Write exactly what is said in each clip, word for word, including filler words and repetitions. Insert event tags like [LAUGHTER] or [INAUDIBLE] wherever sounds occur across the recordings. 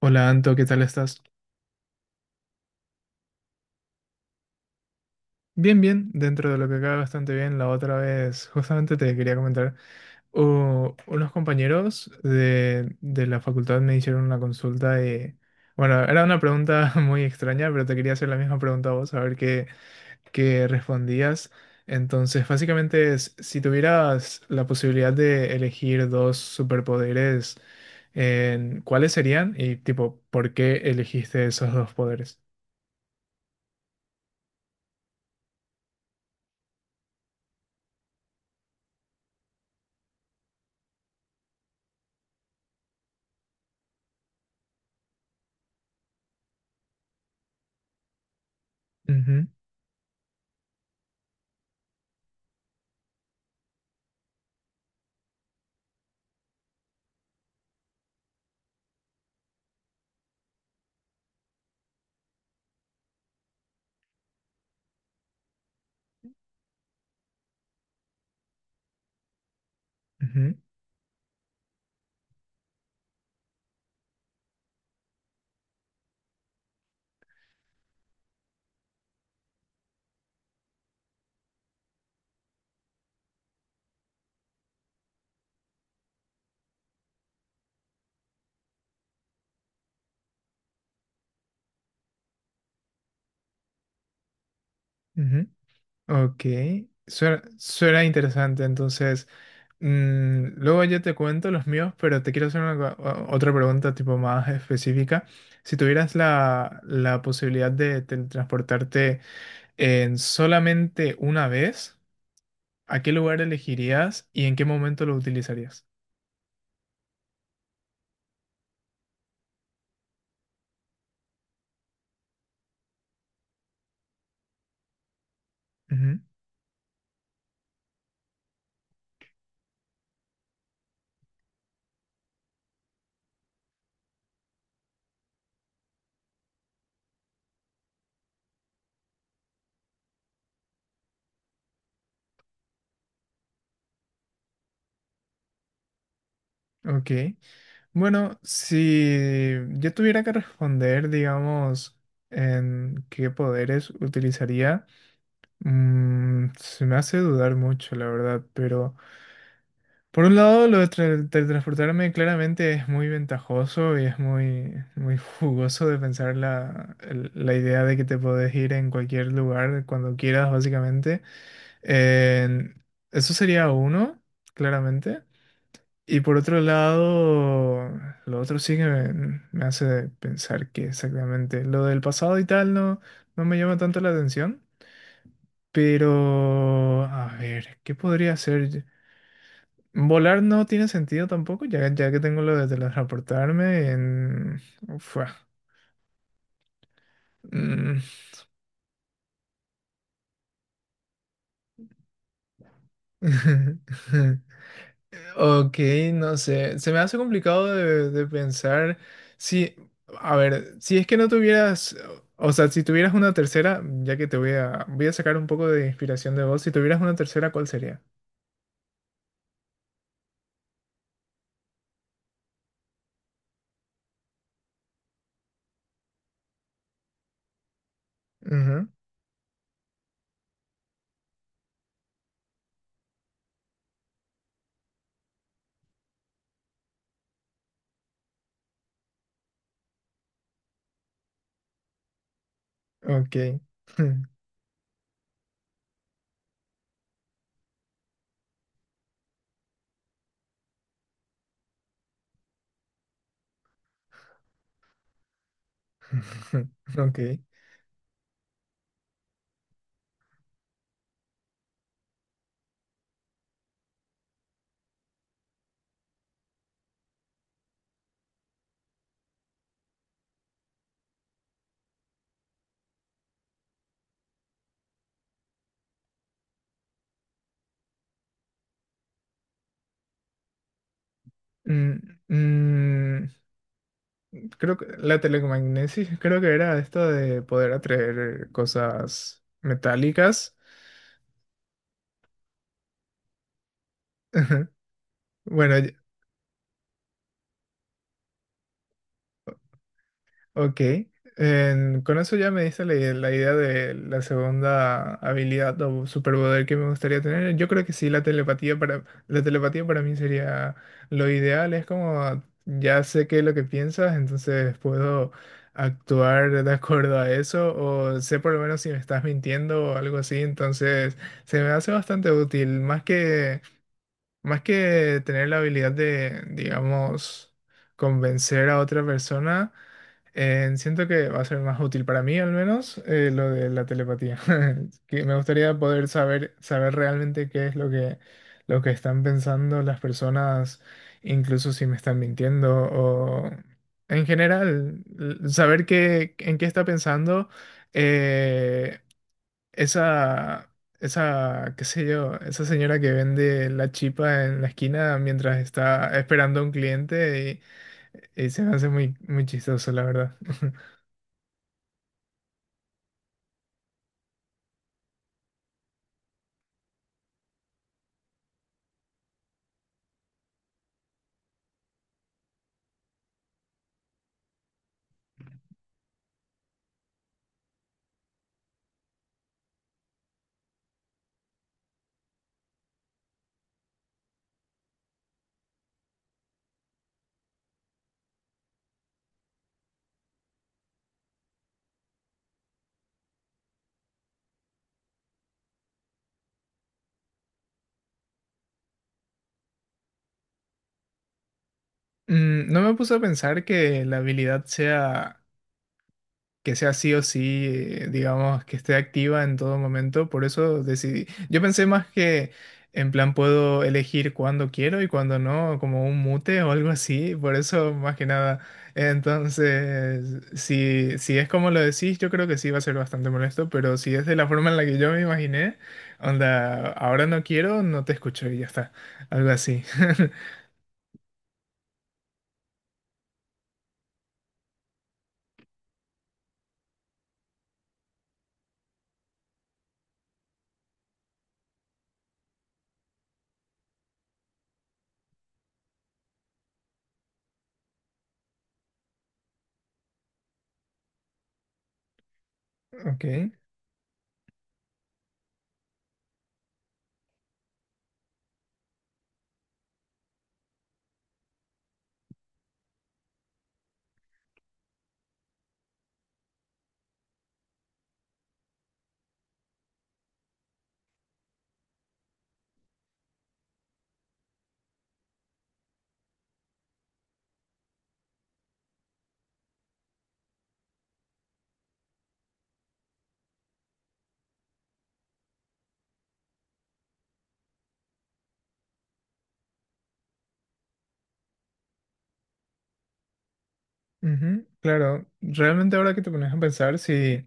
Hola Anto, ¿qué tal estás? Bien, bien, dentro de lo que cabe bastante bien. La otra vez, justamente te quería comentar, u- unos compañeros de, de la facultad me hicieron una consulta y, bueno, era una pregunta [LAUGHS] muy extraña, pero te quería hacer la misma pregunta a vos, a ver qué, qué respondías. Entonces, básicamente es, si tuvieras la posibilidad de elegir dos superpoderes, en- ¿cuáles serían? Y tipo, ¿por qué elegiste esos dos poderes? Ujú, ujú, ujú. Ok, suena, suena interesante. Entonces, mm, luego yo te cuento los míos, pero te quiero hacer una co- o- otra pregunta tipo más específica. Si tuvieras la, la posibilidad de teletransportarte en solamente una vez, ¿a qué lugar elegirías y en qué momento lo utilizarías? Ujú. Ok, bueno, si yo tuviera que responder, digamos, en qué poderes utilizaría. Mm, se me hace dudar mucho, la verdad, pero por un lado lo de tra- teletransportarme claramente es muy ventajoso y es muy, muy jugoso de pensar la, el- la idea de que te podés ir en cualquier lugar cuando quieras, básicamente. En- eso sería uno, claramente. Y por otro lado, lo otro sí que me, me hace pensar que exactamente lo del pasado y tal no, no me llama tanto la atención. Pero, a ver, ¿qué podría hacer? Volar no tiene sentido tampoco, ya, ya que tengo lo de teletransportarme en... Fua. Mm. [LAUGHS] Ok, no sé. Se me hace complicado de, de pensar si... A ver, si es que no tuvieras... O sea, si tuvieras una tercera, ya que te voy a... Voy a sacar un poco de inspiración de vos. Si tuvieras una tercera, ¿cuál sería? Ujú. Ok. [LAUGHS] Ok. Mm, mm, creo que la telecomagnesis, creo que era esto de poder atraer cosas metálicas. [LAUGHS] Bueno, ok, en- con eso ya me diste la, ide- la idea de la segunda habilidad o superpoder que me gustaría tener. Yo creo que sí, la telepatía para, la telepatía para mí sería lo ideal. Es como ya sé qué es lo que piensas, entonces puedo actuar de acuerdo a eso o sé por lo menos si me estás mintiendo o algo así. Entonces se me hace bastante útil, más que, más que tener la habilidad de, digamos, convencer a otra persona, eh, siento que va a ser más útil para mí, al menos, eh, lo de la telepatía. [LAUGHS] Que me gustaría poder saber, saber realmente qué es lo que, lo que están pensando las personas, incluso si me están mintiendo o en general, l- saber qué, en qué está pensando eh, esa, esa, qué sé yo, esa señora que vende la chipa en la esquina mientras está esperando a un cliente y, y se me hace muy, muy chistoso, la verdad. [LAUGHS] Mm, no me puse a pensar que la habilidad sea, que sea sí o sí, eh, digamos, que esté activa en todo momento, por eso decidí. Yo pensé más que en plan puedo elegir cuando quiero y cuando no, como un mute o algo así, por eso más que nada. Entonces, si, si es como lo decís, yo creo que sí va a ser bastante molesto, pero si es de la forma en la que yo me imaginé, onda, ahora no quiero, no te escucho y ya está, algo así. [LAUGHS] Ok. Ujú, claro, realmente ahora que te pones a pensar, si,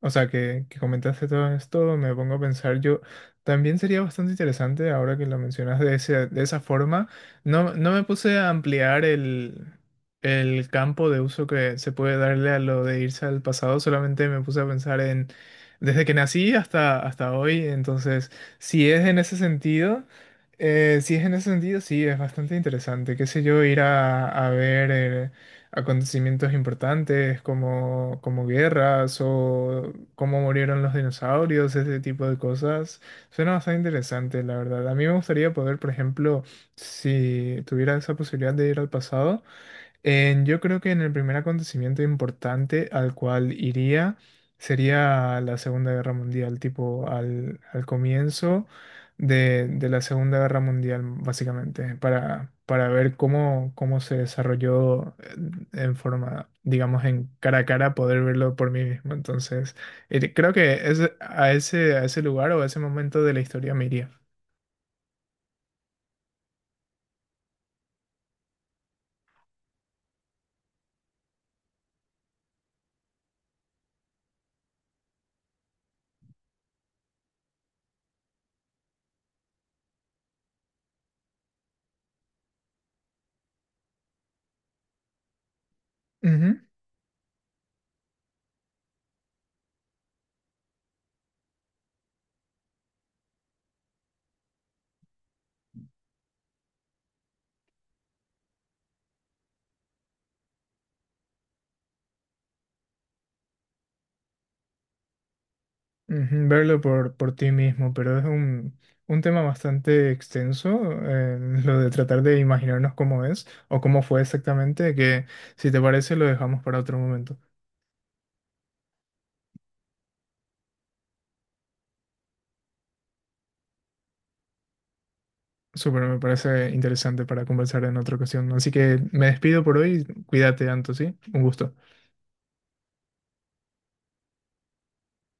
o sea, que, que comentaste todo esto, me pongo a pensar, yo también sería bastante interesante ahora que lo mencionas de ese, de esa forma. No, no me puse a ampliar el, el campo de uso que se puede darle a lo de irse al pasado, solamente me puse a pensar en desde que nací hasta, hasta hoy. Entonces, si es en ese sentido. Eh, si es en ese sentido, sí, es bastante interesante. Qué sé yo, ir a, a ver. Eh, acontecimientos importantes como, como guerras o cómo murieron los dinosaurios, ese tipo de cosas. Suena bastante interesante, la verdad. A mí me gustaría poder, por ejemplo, si tuviera esa posibilidad de ir al pasado, en- yo creo que en el primer acontecimiento importante al cual iría sería la Segunda Guerra Mundial, tipo al, al comienzo de, de la Segunda Guerra Mundial, básicamente, para, para ver cómo, cómo se desarrolló en, en forma, digamos, en cara a cara, poder verlo por mí mismo. Entonces, ir- creo que es a ese, a ese lugar o a ese momento de la historia me iría. Ujú, verlo por, por ti mismo, pero es un, un tema bastante extenso, eh, [LAUGHS] lo de tratar de imaginarnos cómo es o cómo fue exactamente, que si te parece lo dejamos para otro momento. Súper, me parece interesante para conversar en otra ocasión. Así que me despido por hoy, cuídate, Anto, ¿sí? Un gusto.